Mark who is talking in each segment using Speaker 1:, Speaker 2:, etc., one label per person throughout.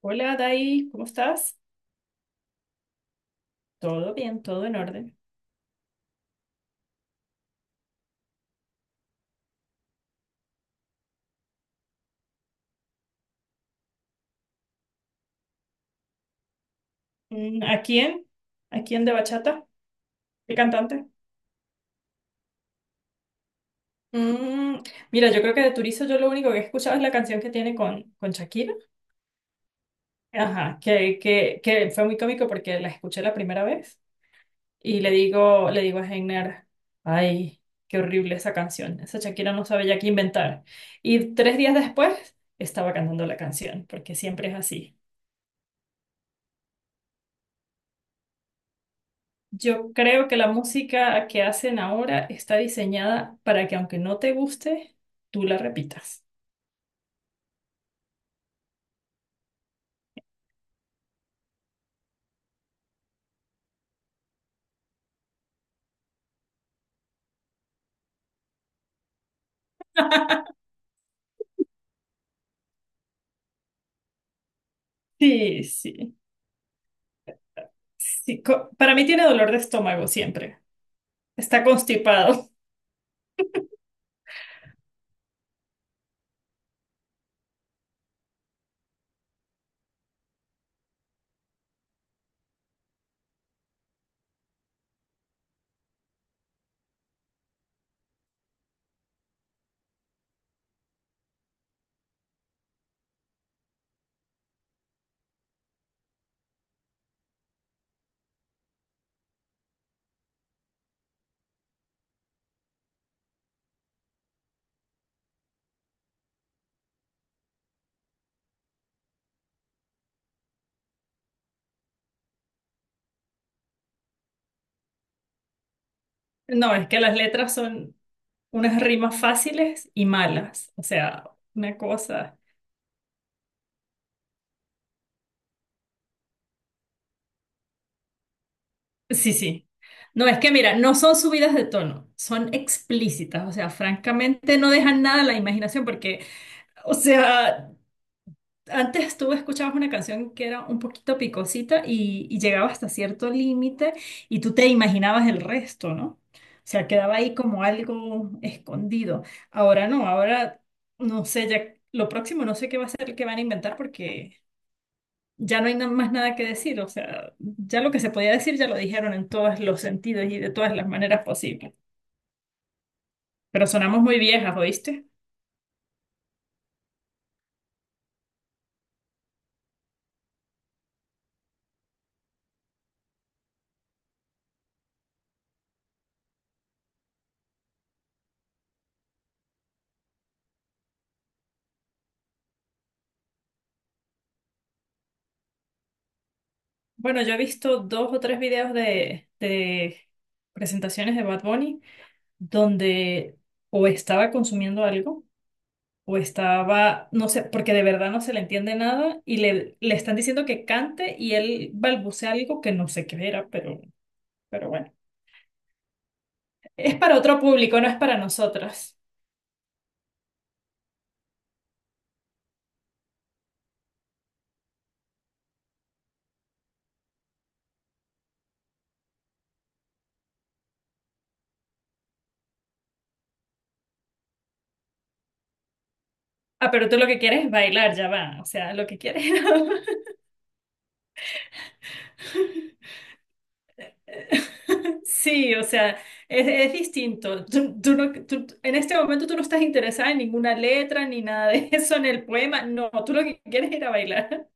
Speaker 1: Hola, Dai, ¿cómo estás? Todo bien, todo en orden. Mm, ¿a quién? ¿A quién de bachata? ¿Qué cantante? Mm, mira, yo creo que de Turizo yo lo único que he escuchado es la canción que tiene con Shakira. Ajá, que fue muy cómico porque la escuché la primera vez y le digo a Heiner, ay, qué horrible esa canción. Esa Shakira no sabe ya qué inventar. Y 3 días después estaba cantando la canción, porque siempre es así. Yo creo que la música que hacen ahora está diseñada para que, aunque no te guste, tú la repitas. Sí, sí, sí. Para mí tiene dolor de estómago siempre. Está constipado. No, es que las letras son unas rimas fáciles y malas. O sea, una cosa. Sí, sí. No, es que mira, no son subidas de tono, son explícitas. O sea, francamente no dejan nada a la imaginación porque, o sea... Antes tú escuchabas una canción que era un poquito picosita y llegaba hasta cierto límite, y tú te imaginabas el resto, ¿no? O sea, quedaba ahí como algo escondido. Ahora no sé, ya lo próximo no sé qué va a ser, qué van a inventar, porque ya no hay más nada que decir. O sea, ya lo que se podía decir ya lo dijeron en todos los sentidos y de todas las maneras posibles. Pero sonamos muy viejas, ¿oíste? Bueno, yo he visto dos o tres videos de presentaciones de Bad Bunny donde o estaba consumiendo algo o estaba, no sé, porque de verdad no se le entiende nada y le están diciendo que cante y él balbucea algo que no sé qué era, pero bueno, es para otro público, no es para nosotras. Ah, pero tú lo que quieres es bailar, ya va, o sea, lo que quieres. Sí, o sea, es distinto. Tú no, tú- en este momento tú no estás interesada en ninguna letra ni nada de eso en el poema. No, tú lo que quieres es ir a bailar.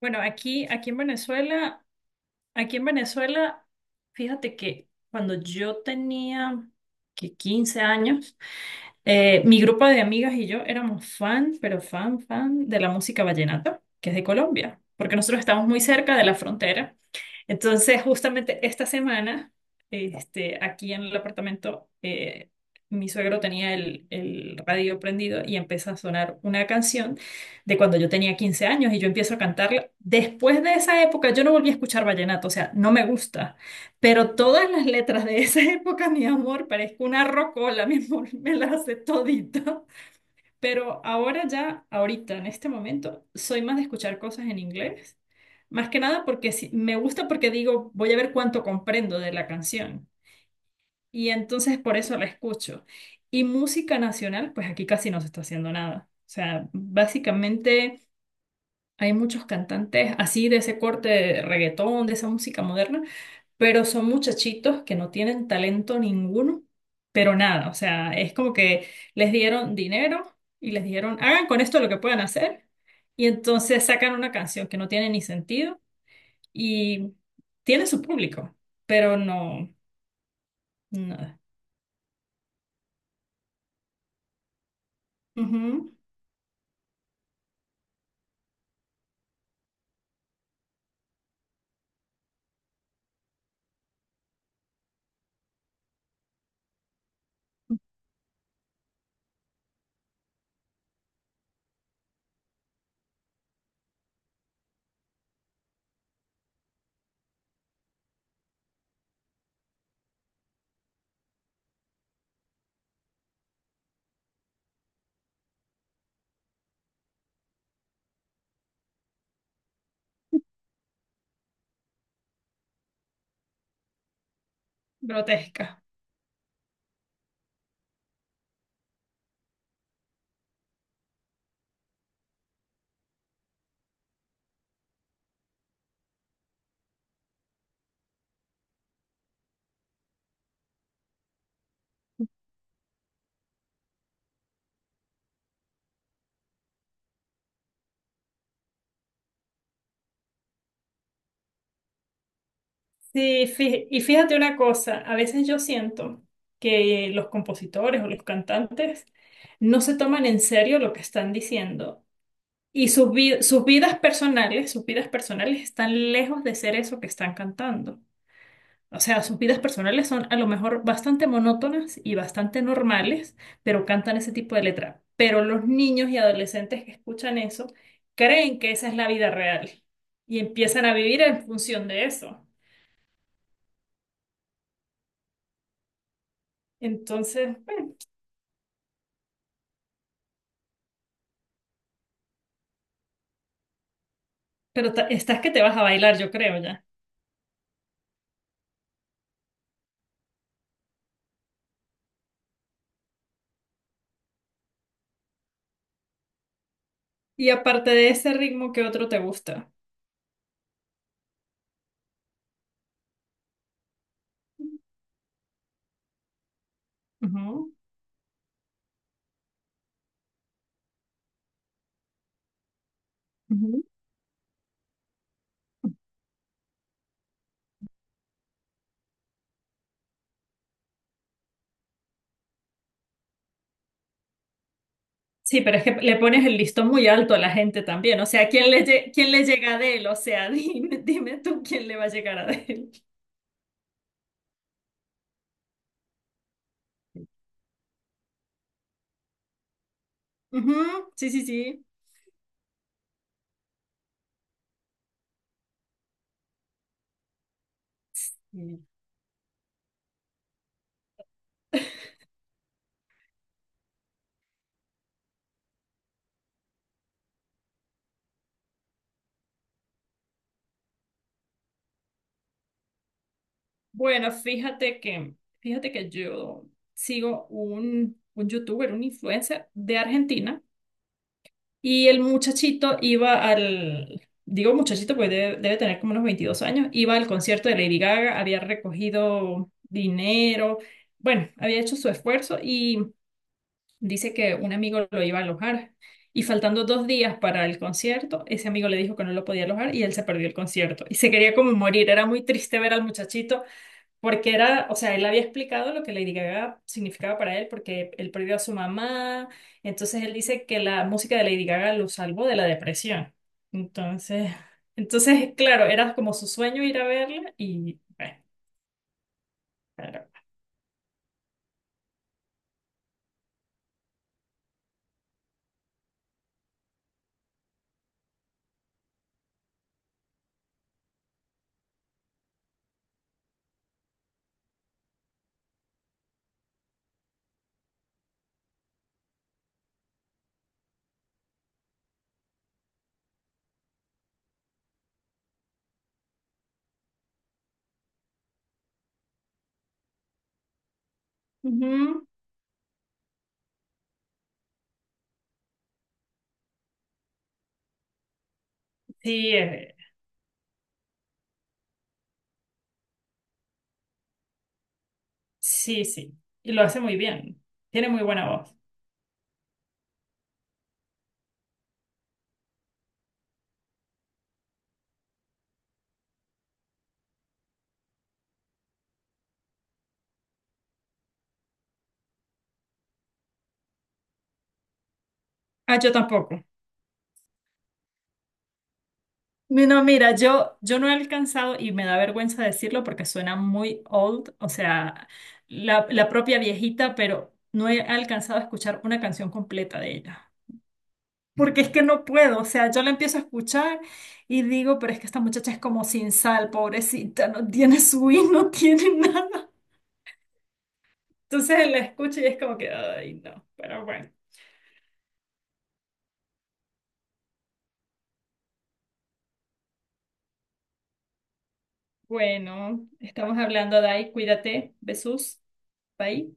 Speaker 1: Bueno, aquí en Venezuela, fíjate que cuando yo tenía que 15 años, mi grupo de amigas y yo éramos fan, pero fan, fan de la música vallenata, que es de Colombia, porque nosotros estamos muy cerca de la frontera. Entonces, justamente esta semana, este, aquí en el apartamento, mi suegro tenía el radio prendido y empieza a sonar una canción de cuando yo tenía 15 años y yo empiezo a cantarla. Después de esa época, yo no volví a escuchar vallenato, o sea, no me gusta. Pero todas las letras de esa época, mi amor, parezco una rocola, mi amor, me las sé todita. Pero ahora ya, ahorita, en este momento, soy más de escuchar cosas en inglés. Más que nada porque me gusta, porque digo, voy a ver cuánto comprendo de la canción. Y entonces por eso la escucho. Y música nacional, pues aquí casi no se está haciendo nada. O sea, básicamente... Hay muchos cantantes así de ese corte de reggaetón, de esa música moderna, pero son muchachitos que no tienen talento ninguno, pero nada, o sea, es como que les dieron dinero y les dijeron, hagan con esto lo que puedan hacer, y entonces sacan una canción que no tiene ni sentido y tiene su público, pero no, nada. Ujú, grotesca. Sí, y fíjate una cosa, a veces yo siento que los compositores o los cantantes no se toman en serio lo que están diciendo y sus vidas personales están lejos de ser eso que están cantando. O sea, sus vidas personales son a lo mejor bastante monótonas y bastante normales, pero cantan ese tipo de letra. Pero los niños y adolescentes que escuchan eso creen que esa es la vida real y empiezan a vivir en función de eso. Entonces, bueno. Pero estás que te vas a bailar, yo creo ya. Y aparte de ese ritmo, ¿qué otro te gusta? Ujú. Ujú. Sí, pero es que le pones el listón muy alto a la gente también. O sea, ¿quién le, quién le llega a Adele? O sea, dime, dime tú quién le va a llegar a Adele. Ujú, sí, sí, sí. Mm. Bueno, fíjate que yo sigo un youtuber, un influencer de Argentina. Y el muchachito iba al, digo muchachito, pues debe tener como unos 22 años, iba al concierto de Lady Gaga, había recogido dinero, bueno, había hecho su esfuerzo y dice que un amigo lo iba a alojar. Y faltando 2 días para el concierto, ese amigo le dijo que no lo podía alojar y él se perdió el concierto. Y se quería como morir, era muy triste ver al muchachito porque era, o sea, él había explicado lo que Lady Gaga significaba para él, porque él perdió a su mamá. Entonces él dice que la música de Lady Gaga lo salvó de la depresión. Entonces, entonces, claro, era como su sueño ir a verla y bueno, pero- ujú. Sí, sí, sí. Y lo hace muy bien. Tiene muy buena voz. Ah, yo tampoco. No, mira, yo no he alcanzado, y me da vergüenza decirlo porque suena muy old, o sea, la propia viejita, pero no he alcanzado a escuchar una canción completa de ella. Porque es que no puedo, o sea, yo la empiezo a escuchar y digo, pero es que esta muchacha es como sin sal, pobrecita, no tiene su y no tiene nada. Entonces la escucho y es como que, ay, no, pero bueno. Bueno, estamos hablando de ahí, cuídate, besos, bye.